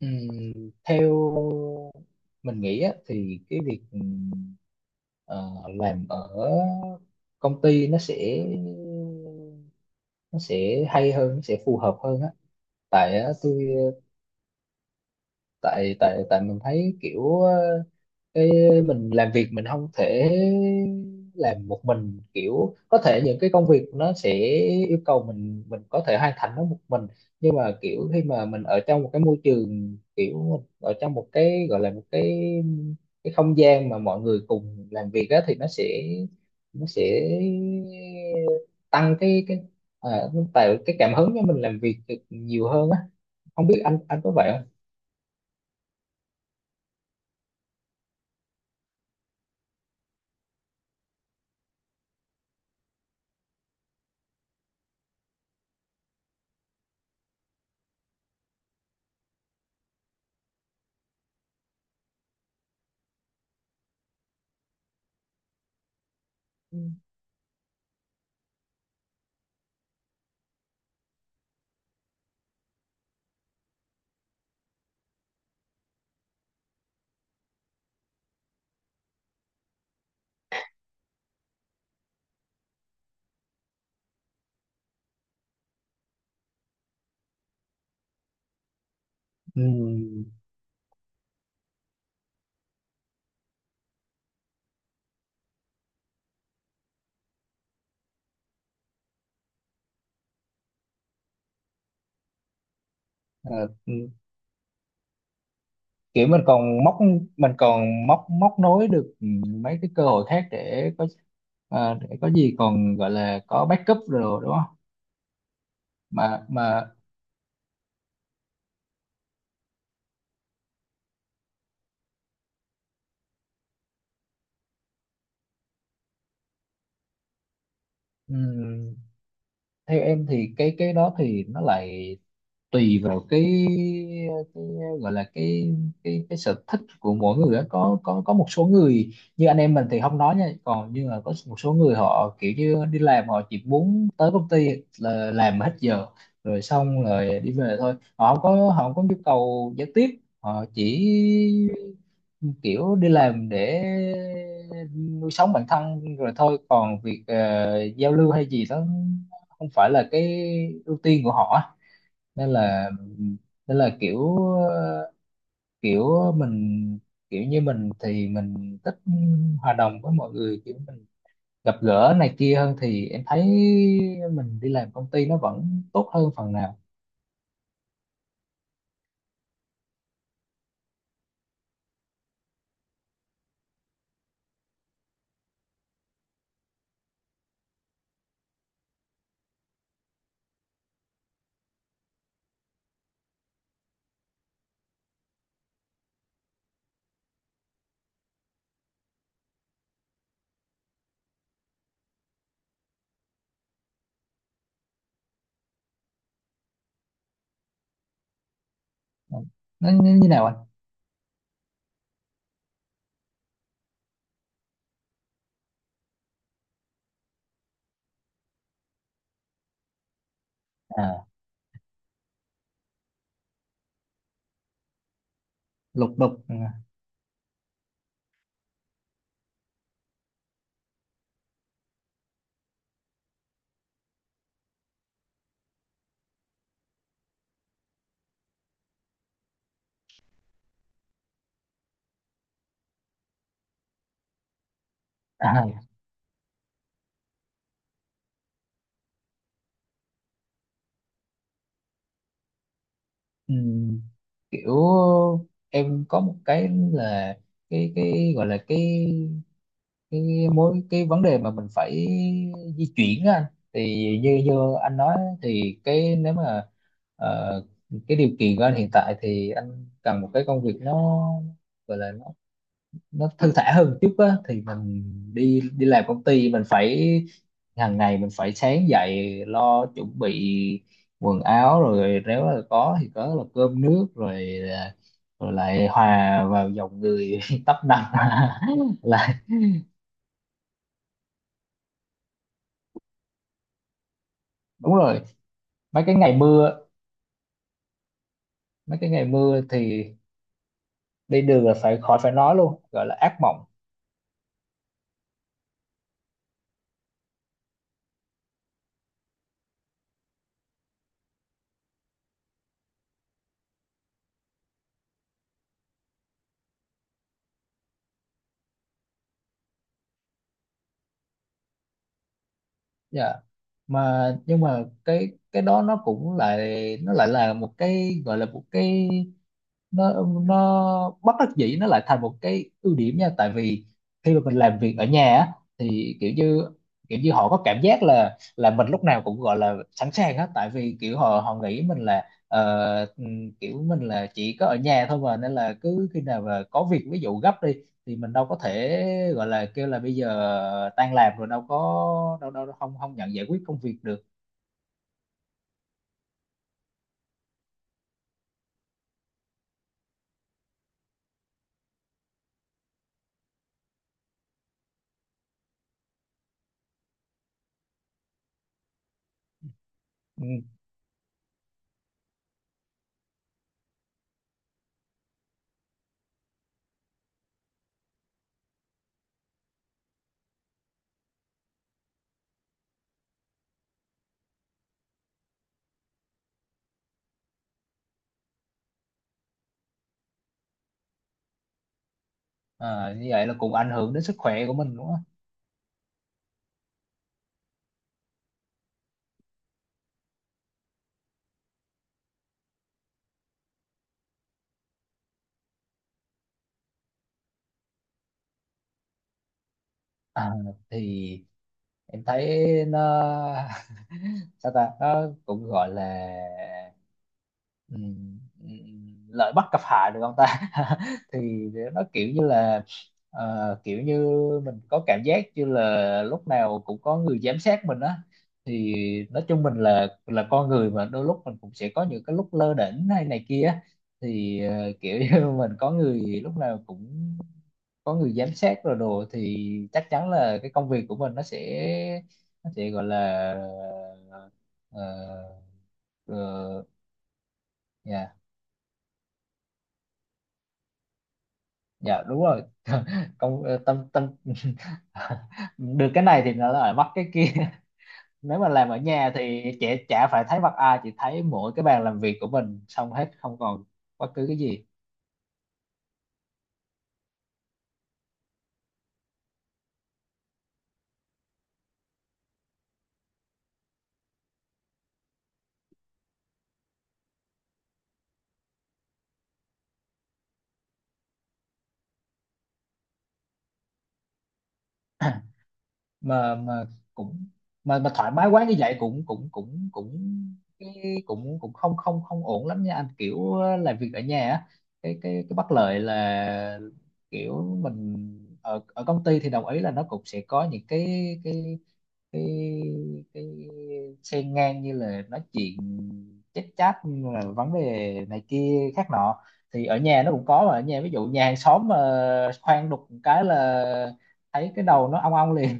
Ừm, theo mình nghĩ á, thì cái việc ờ, làm ở công ty nó sẽ hay hơn, nó sẽ phù hợp hơn á. Tại á, tôi tại tại tại mình thấy kiểu cái mình làm việc mình không thể làm một mình, kiểu có thể những cái công việc nó sẽ yêu cầu mình có thể hoàn thành nó một mình, nhưng mà kiểu khi mà mình ở trong một cái môi trường, kiểu mình ở trong một cái gọi là một cái không gian mà mọi người cùng làm việc á, thì nó sẽ tăng cái à, tạo cái cảm hứng cho mình làm việc được nhiều hơn á. Không biết anh có vậy không? Ừ, à, ừ, kiểu mình còn móc, mình còn móc móc nối được mấy cái cơ hội khác để có, để có gì còn gọi là có backup rồi đúng không? mà mà ừ, Theo em thì cái đó thì nó lại tùy vào cái gọi là cái cái sở thích của mỗi người đó. Có có một số người như anh em mình thì không nói nha, còn nhưng mà có một số người họ kiểu như đi làm họ chỉ muốn tới công ty là làm hết giờ rồi xong rồi đi về thôi. Họ không có nhu cầu giao tiếp. Họ chỉ kiểu đi làm để nuôi sống bản thân rồi thôi, còn việc giao lưu hay gì đó không phải là cái ưu tiên của họ á. Nên là nên là kiểu ờ, kiểu mình, kiểu như mình thì mình thích hòa đồng với mọi người, kiểu mình gặp gỡ này kia hơn, thì em thấy mình đi làm công ty nó vẫn tốt hơn phần nào. Nó như như nào anh? À, lục đục. à, ừm, Kiểu em có một cái là cái gọi là cái mối, cái vấn đề mà mình phải di chuyển á anh. Thì như như anh nói, thì cái nếu mà ờ, cái điều kiện của anh hiện tại thì anh cần một cái công việc nó gọi là nó thư thả hơn một chút á, thì mình đi đi làm công ty mình phải, hàng ngày mình phải sáng dậy lo chuẩn bị quần áo, rồi nếu là có thì có là cơm nước, rồi rồi lại hòa vào dòng người tấp nập là. Đúng rồi, mấy cái ngày mưa, mấy cái ngày mưa thì đi đường là phải khỏi phải nói luôn, gọi là ác mộng. Dạ. Mà nhưng mà cái đó nó cũng lại, nó lại là một cái gọi là một cái, nó nó bất đắc dĩ nó lại thành một cái ưu điểm nha, tại vì khi mà mình làm việc ở nhà á, thì kiểu như, kiểu như họ có cảm giác là mình lúc nào cũng gọi là sẵn sàng hết. Tại vì kiểu họ họ nghĩ mình là kiểu mình là chỉ có ở nhà thôi mà, nên là cứ khi nào mà có việc ví dụ gấp đi thì mình đâu có thể gọi là kêu là bây giờ tan làm rồi đâu có, đâu đâu, không không nhận giải quyết công việc được. Ừ. Ờ, như vậy là cũng ảnh hưởng đến sức khỏe của mình đúng không? À, thì em thấy nó sao ta, nó cũng gọi là lợi bất cập hại được không ta thì nó kiểu như là kiểu như mình có cảm giác như là lúc nào cũng có người giám sát mình á. Thì nói chung mình là con người mà, đôi lúc mình cũng sẽ có những cái lúc lơ đễnh hay này kia á. Thì kiểu như mình có người lúc nào cũng có người giám sát rồi đồ, thì chắc chắn là cái công việc của mình nó sẽ gọi là ờ, ờ, dạ dạ đúng rồi Tâm tâm được cái này thì nó lại mất cái kia nếu mà làm ở nhà thì trẻ chả phải thấy mặt ai, chỉ thấy mỗi cái bàn làm việc của mình xong hết, không còn bất cứ cái gì. Mà mà cũng mà mà thoải mái quá như vậy cũng cũng cái- cũng cũng không không không ổn lắm nha anh, kiểu làm việc ở nhà á, cái cái bất lợi là kiểu mình, ở ở công ty thì đồng ý là nó cũng sẽ có những cái cái cái cái xen ngang như là nói chuyện, chát chát như là vấn đề này kia khác nọ. Thì ở nhà nó cũng có, mà ở nhà ví dụ nhà hàng xóm mà khoan đục một cái là thấy cái đầu nó ong ong liền.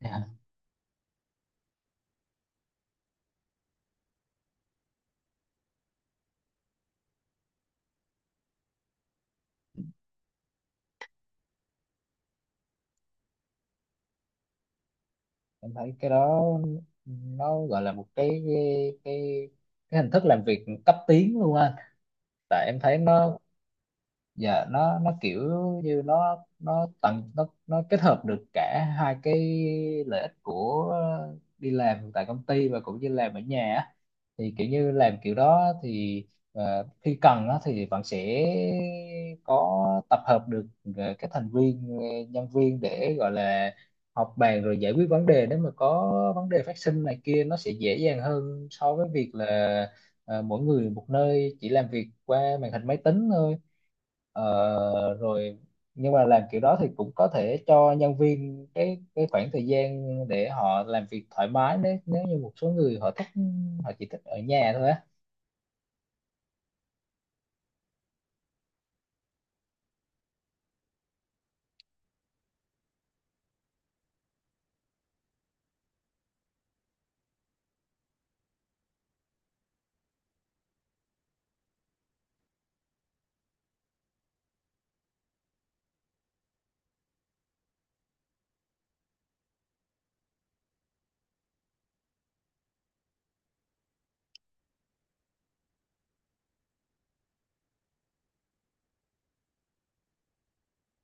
Dạ. Em thấy cái đó nó gọi là một cái cái cái hình thức làm việc cấp tiến luôn á. Tại em thấy nó dạ nó kiểu như nó tận, nó kết hợp được cả hai cái lợi ích của đi làm tại công ty và cũng như làm ở nhà á. Thì kiểu như làm kiểu đó thì khi cần á, thì bạn sẽ có tập hợp được các thành viên, nhân viên để gọi là họp bàn rồi giải quyết vấn đề, nếu mà có vấn đề phát sinh này kia nó sẽ dễ dàng hơn so với việc là mỗi người một nơi chỉ làm việc qua màn hình máy tính thôi. Ờ, Rồi nhưng mà làm kiểu đó thì cũng có thể cho nhân viên cái khoảng thời gian để họ làm việc thoải mái, nếu nếu như một số người họ thích, họ chỉ thích ở nhà thôi á.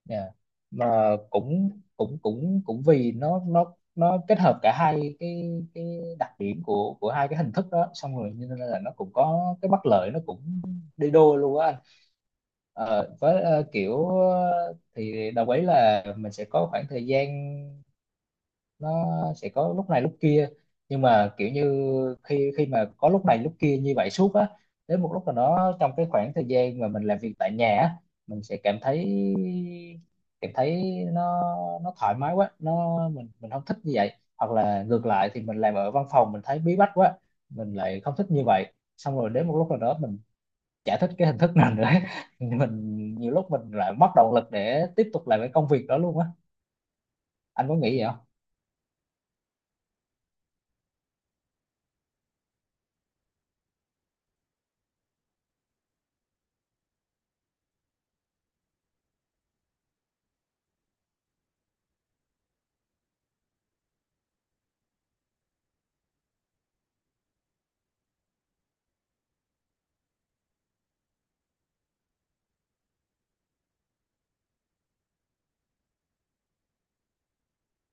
Dạ. Mà cũng cũng cũng cũng vì nó kết hợp cả hai cái đặc điểm của hai cái hình thức đó xong rồi, cho nên là nó cũng có cái bất lợi, nó cũng đi đôi luôn á anh. Ờ, với kiểu thì đồng ý là mình sẽ có khoảng thời gian, nó sẽ có lúc này lúc kia, nhưng mà kiểu như khi khi mà có lúc này lúc kia như vậy suốt á, đến một lúc nào đó trong cái khoảng thời gian mà mình làm việc tại nhà á, mình sẽ cảm thấy, cảm thấy nó nó thoải mái quá, nó mình không thích như vậy. Hoặc là ngược lại thì mình làm ở văn phòng mình thấy bí bách quá, mình lại không thích như vậy. Xong rồi đến một lúc nào đó mình chả thích cái hình thức nào nữa mình nhiều lúc mình lại mất động lực để tiếp tục làm cái công việc đó luôn á. Anh có nghĩ vậy không?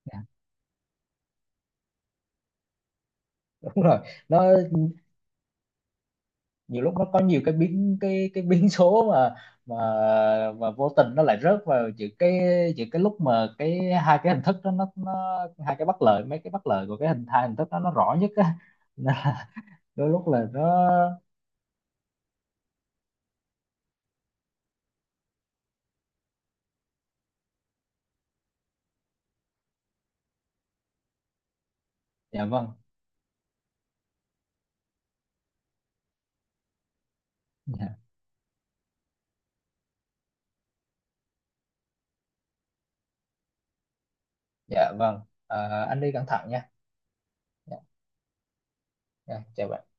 Dạ, đúng rồi, nó nhiều lúc nó có nhiều cái biến, cái biến số mà, mà mà vô tình nó lại rớt vào giữa cái, giữa cái lúc mà cái hai cái hình thức đó nó hai cái bất lợi, mấy cái bất lợi của cái hình, hai hình thức đó nó rõ nhất á Nên là đôi lúc là nó dạ vâng, dạ, dạ vâng. Ờ, anh đi cẩn thận nha. Dạ, dạ, chào bạn.